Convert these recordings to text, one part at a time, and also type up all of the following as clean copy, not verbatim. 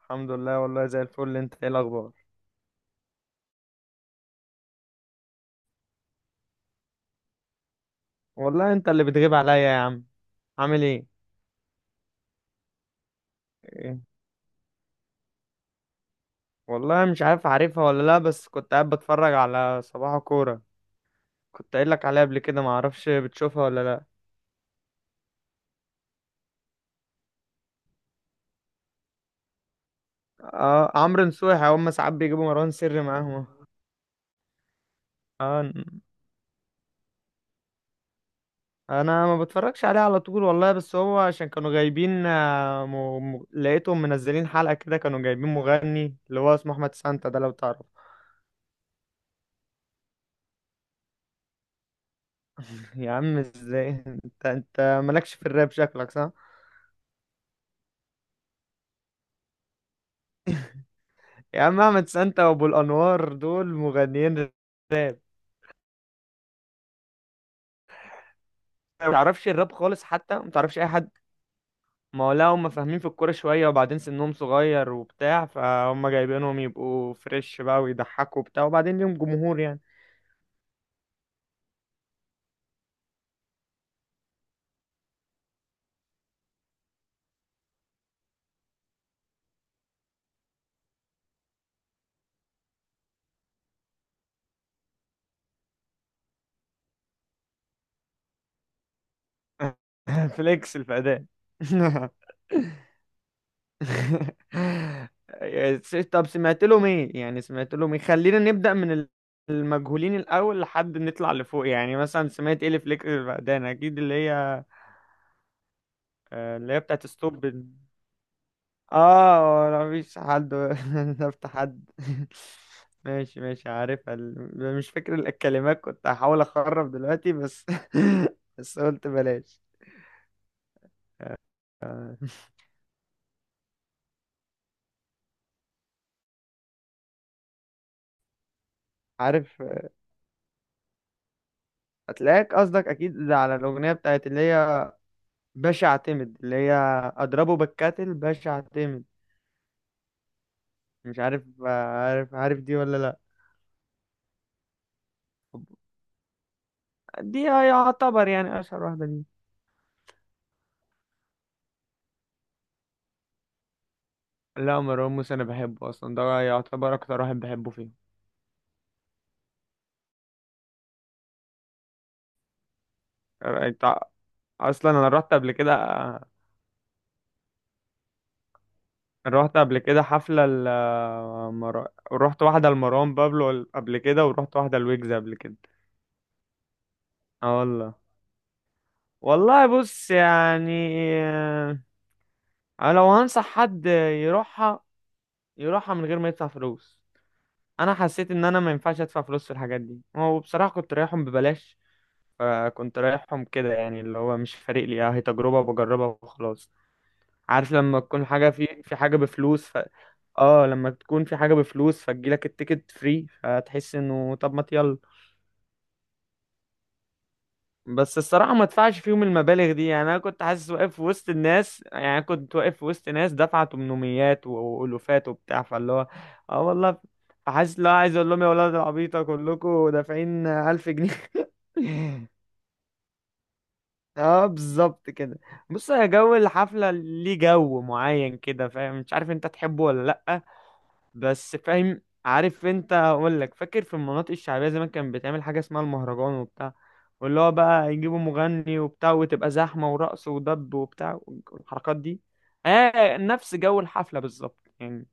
الحمد لله، والله زي الفل. انت ايه الاخبار؟ والله انت اللي بتغيب عليا يا عم. عامل ايه؟ ايه؟ والله مش عارف عارفها ولا لا، بس كنت قاعد بتفرج على صباح كورة. كنت قايل لك عليها قبل كده، ما اعرفش بتشوفها ولا لا. اه عمرو نصوحي، هم ساعات بيجيبوا مروان سري معاهم. اه ن- انا ما بتفرجش عليه على طول والله، بس هو عشان كانوا جايبين لقيتهم منزلين حلقة كده، كانوا جايبين مغني اللي هو اسمه احمد سانتا ده لو تعرف. يا عم ازاي! انت مالكش في الراب شكلك صح. يا عم احمد سانتا وابو الانوار دول مغنيين راب. ما تعرفش الراب خالص، حتى ما تعرفش اي حد. ما هو لا، هم فاهمين في الكوره شويه، وبعدين سنهم صغير وبتاع، فهم جايبينهم يبقوا فريش بقى ويضحكوا وبتاع، وبعدين ليهم جمهور يعني. فليكس الفدان. طب سمعت لهم ايه يعني؟ سمعت لهم ايه؟ خلينا نبدأ من المجهولين الاول لحد نطلع لفوق، يعني مثلا سمعت ايه لفليكس الفقدان، اكيد اللي هي اللي هي بتاعت ستوب اه انا مفيش حد نفت حد ماشي ماشي عارفها مش فاكر الكلمات، كنت هحاول اخرب دلوقتي بس بس قلت بلاش. عارف هتلاقيك قصدك اكيد على الاغنيه بتاعت اللي هي باشا اعتمد، اللي هي اضربه بالكاتل، باشا اعتمد. مش عارف عارف عارف دي ولا لا. دي يعتبر يعني اشهر واحده دي. لا مروان موسى انا بحبه اصلا، ده يعتبر اكتر واحد بحبه فيه. انت اصلا انا رحت قبل كده. رحت قبل كده حفله ل... رحت واحده لمروان بابلو قبل كده، ورحت واحده لويجز قبل كده. اه والله. والله بص يعني، انا لو هنصح حد يروحها، يروحها من غير ما يدفع فلوس. انا حسيت ان انا ما ينفعش ادفع فلوس في الحاجات دي، هو بصراحه كنت رايحهم ببلاش. فكنت رايحهم كده يعني، اللي هو مش فارق لي، هي تجربه بجربها وخلاص. عارف لما تكون حاجه في حاجه بفلوس. اه لما تكون في حاجة بفلوس، فتجيلك التيكت فري، فتحس انه طب ما يلا. بس الصراحة ما ادفعش فيهم المبالغ دي يعني. انا كنت حاسس واقف في وسط الناس، يعني أنا كنت واقف في وسط ناس دفعة تمنميات والوفات وبتاع، فاللي هو اه والله. فحاسس لو عايز اقول لهم يا ولاد العبيطة كلكم دافعين ألف جنيه. اه بالظبط كده. بص يا جو الحفلة ليه جو معين كده فاهم، مش عارف انت تحبه ولا لأ. بس فاهم عارف، انت اقول لك فاكر في المناطق الشعبيه زمان، كان بتعمل حاجه اسمها المهرجان وبتاع، واللي هو بقى يجيبوا مغني وبتاع، وتبقى زحمه ورقص ودب وبتاع والحركات دي. اه نفس جو الحفله بالظبط يعني.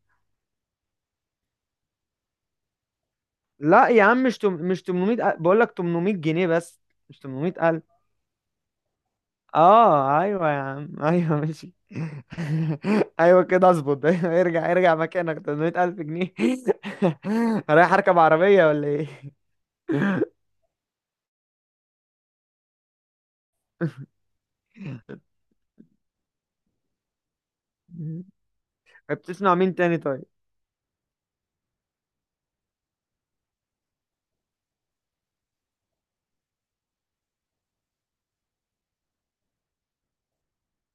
لا يا عم، مش مش 800 بقول لك، 800 جنيه بس، مش 800 الف. اه ايوه يا عم ايوه ماشي. ايوه كده اظبط ايوه ارجع ارجع مكانك، 800 الف جنيه. رايح اركب عربيه ولا ايه؟ طيب، بتسمع مين تاني طيب؟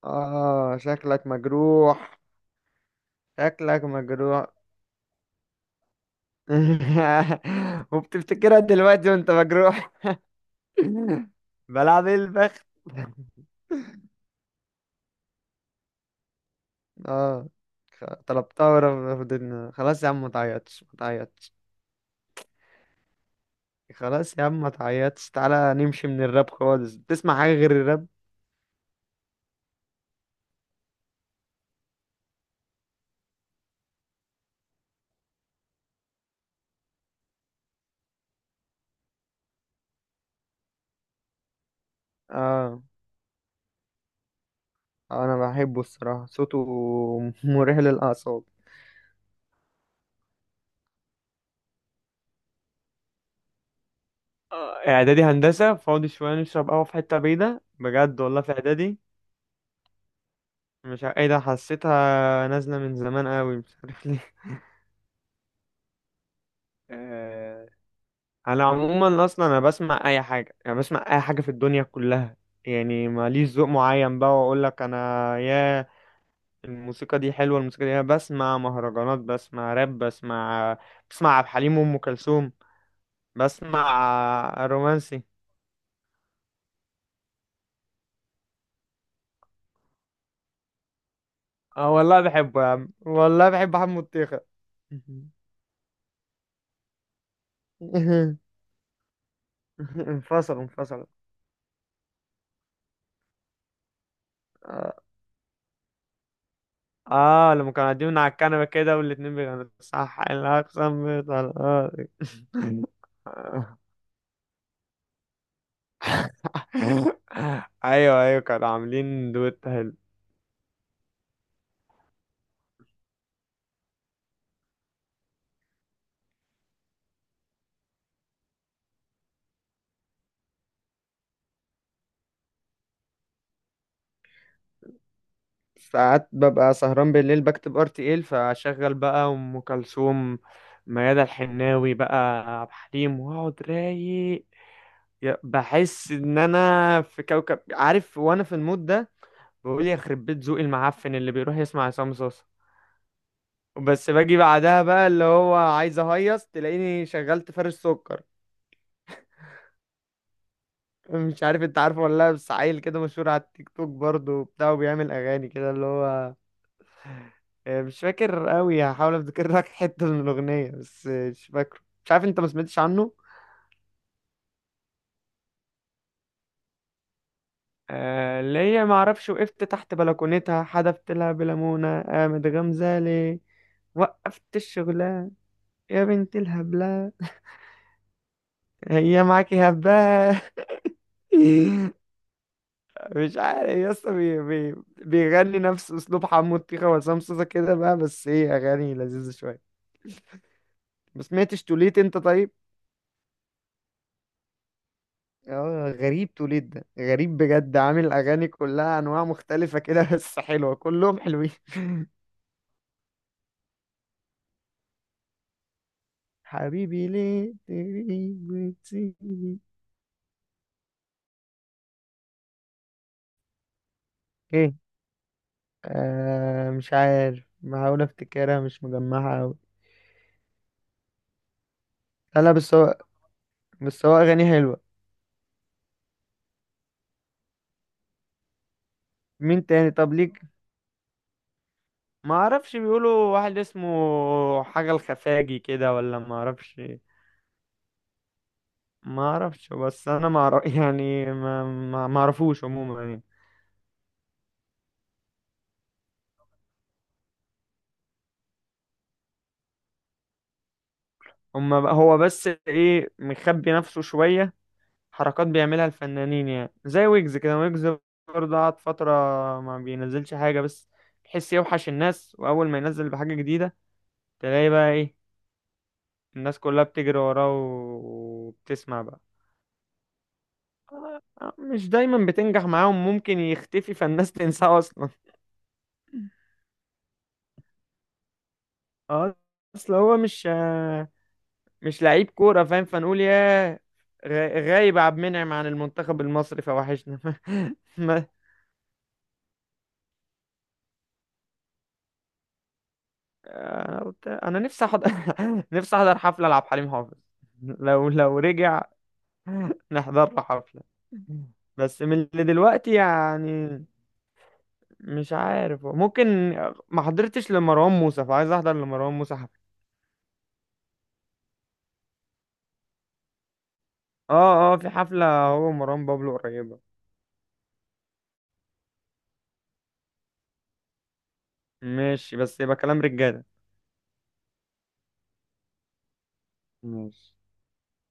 اه شكلك مجروح. شكلك مجروح. وبتفتكرها دلوقتي وانت مجروح. بلعب ايه البخت. اه. طلبتها ورفضتنا خلاص يا عم، ما تعيطش ما تعيطش. خلاص يا عم ما تعيطش، تعالى نمشي من الراب خالص. بتسمع حاجة غير الراب؟ اه. انا بحبه الصراحة صوته، مريح للأعصاب. اعدادي هندسة فاضي شوية نشرب قهوة في حتة بعيدة بجد، والله في اعدادي. مش ع- ايه ده، حسيتها نازلة من زمان قوي مش عارف ليه. آه، على عموما اصلا انا بسمع اي حاجة، يعني بسمع اي حاجة في الدنيا كلها. يعني ماليش ذوق معين بقى، واقول لك انا يا، الموسيقى دي حلوة الموسيقى دي. أنا بسمع مهرجانات، بسمع راب، بسمع، بسمع عبد الحليم وام كلثوم، بسمع رومانسي. اه والله بحبه يا عم، والله بحب حمو الطيخة. انفصل انفصل. اه لما كانوا قاعدين من على الكنبة كده والاتنين بيغنوا صح الأقسم بطلقاتي. ايوه ايوه كانوا عاملين دويت حلو. ساعات ببقى سهران بالليل بكتب ار تي ال، فاشغل بقى ام كلثوم، ميادة الحناوي بقى، عبد الحليم، واقعد رايق. بحس ان انا في كوكب عارف وانا في المود ده. بقول يخرب بيت ذوقي المعفن اللي بيروح يسمع عصام صاصا. بس باجي بعدها بقى اللي هو عايز اهيص، تلاقيني شغلت فارش سكر. مش عارف انت عارفه ولا لا، بس عيل كده مشهور على التيك توك برضه وبتاع، وبيعمل اغاني كده اللي هو مش فاكر قوي، هحاول افتكر لك حته من الاغنيه، بس مش فاكره، مش عارف انت ما سمعتش عنه. اللي هي ما اعرفش وقفت تحت بلكونتها حدفت لها بليمونه قامت غمزه، وقفت الشغلانه يا بنت الهبله، هي معاكي هبه. مش عارف يا اسطى، بيغني نفس اسلوب حمو الطيخه وعصام صوصه كده بقى، بس هي اغاني لذيذه شويه. ما سمعتش توليت انت طيب؟ اه غريب، توليت ده غريب بجد، عامل اغاني كلها انواع مختلفه كده بس حلوه كلهم حلوين. حبيبي ليه تغيب وتسيبني. ايه آه مش عارف، بحاول افتكرها مش مجمعها اوي. لا لا بس هو، بس هو اغاني حلوه. مين تاني طب ليك؟ ما اعرفش، بيقولوا واحد اسمه حاجة الخفاجي كده ولا ما اعرفش. ما اعرفش بس انا ما أعرف يعني، ما اعرفوش عموما يعني. هو بس ايه مخبي نفسه شوية، حركات بيعملها الفنانين يعني، زي ويجز كده. ويجز برضه قعد فترة ما بينزلش حاجة، بس تحس يوحش الناس، واول ما ينزل بحاجة جديدة، تلاقي بقى ايه الناس كلها بتجري وراه وبتسمع بقى. مش دايما بتنجح معاهم، ممكن يختفي فالناس تنساه اصلا. اه. اصل هو مش مش لعيب كورة فاهم، فنقول يا غ- غايب عبد المنعم عن المنتخب المصري فوحشنا. ما انا قلت انا نفسي احضر نفسي احضر حفلة لعبد الحليم حافظ. لو رجع نحضر له حفلة، بس من اللي دلوقتي يعني. مش عارف ممكن، ما حضرتش لمروان موسى، فعايز احضر لمروان موسى حفلة. اه اه في حفلة هو مروان بابلو قريبة. ماشي بس يبقى كلام رجالة. ماشي.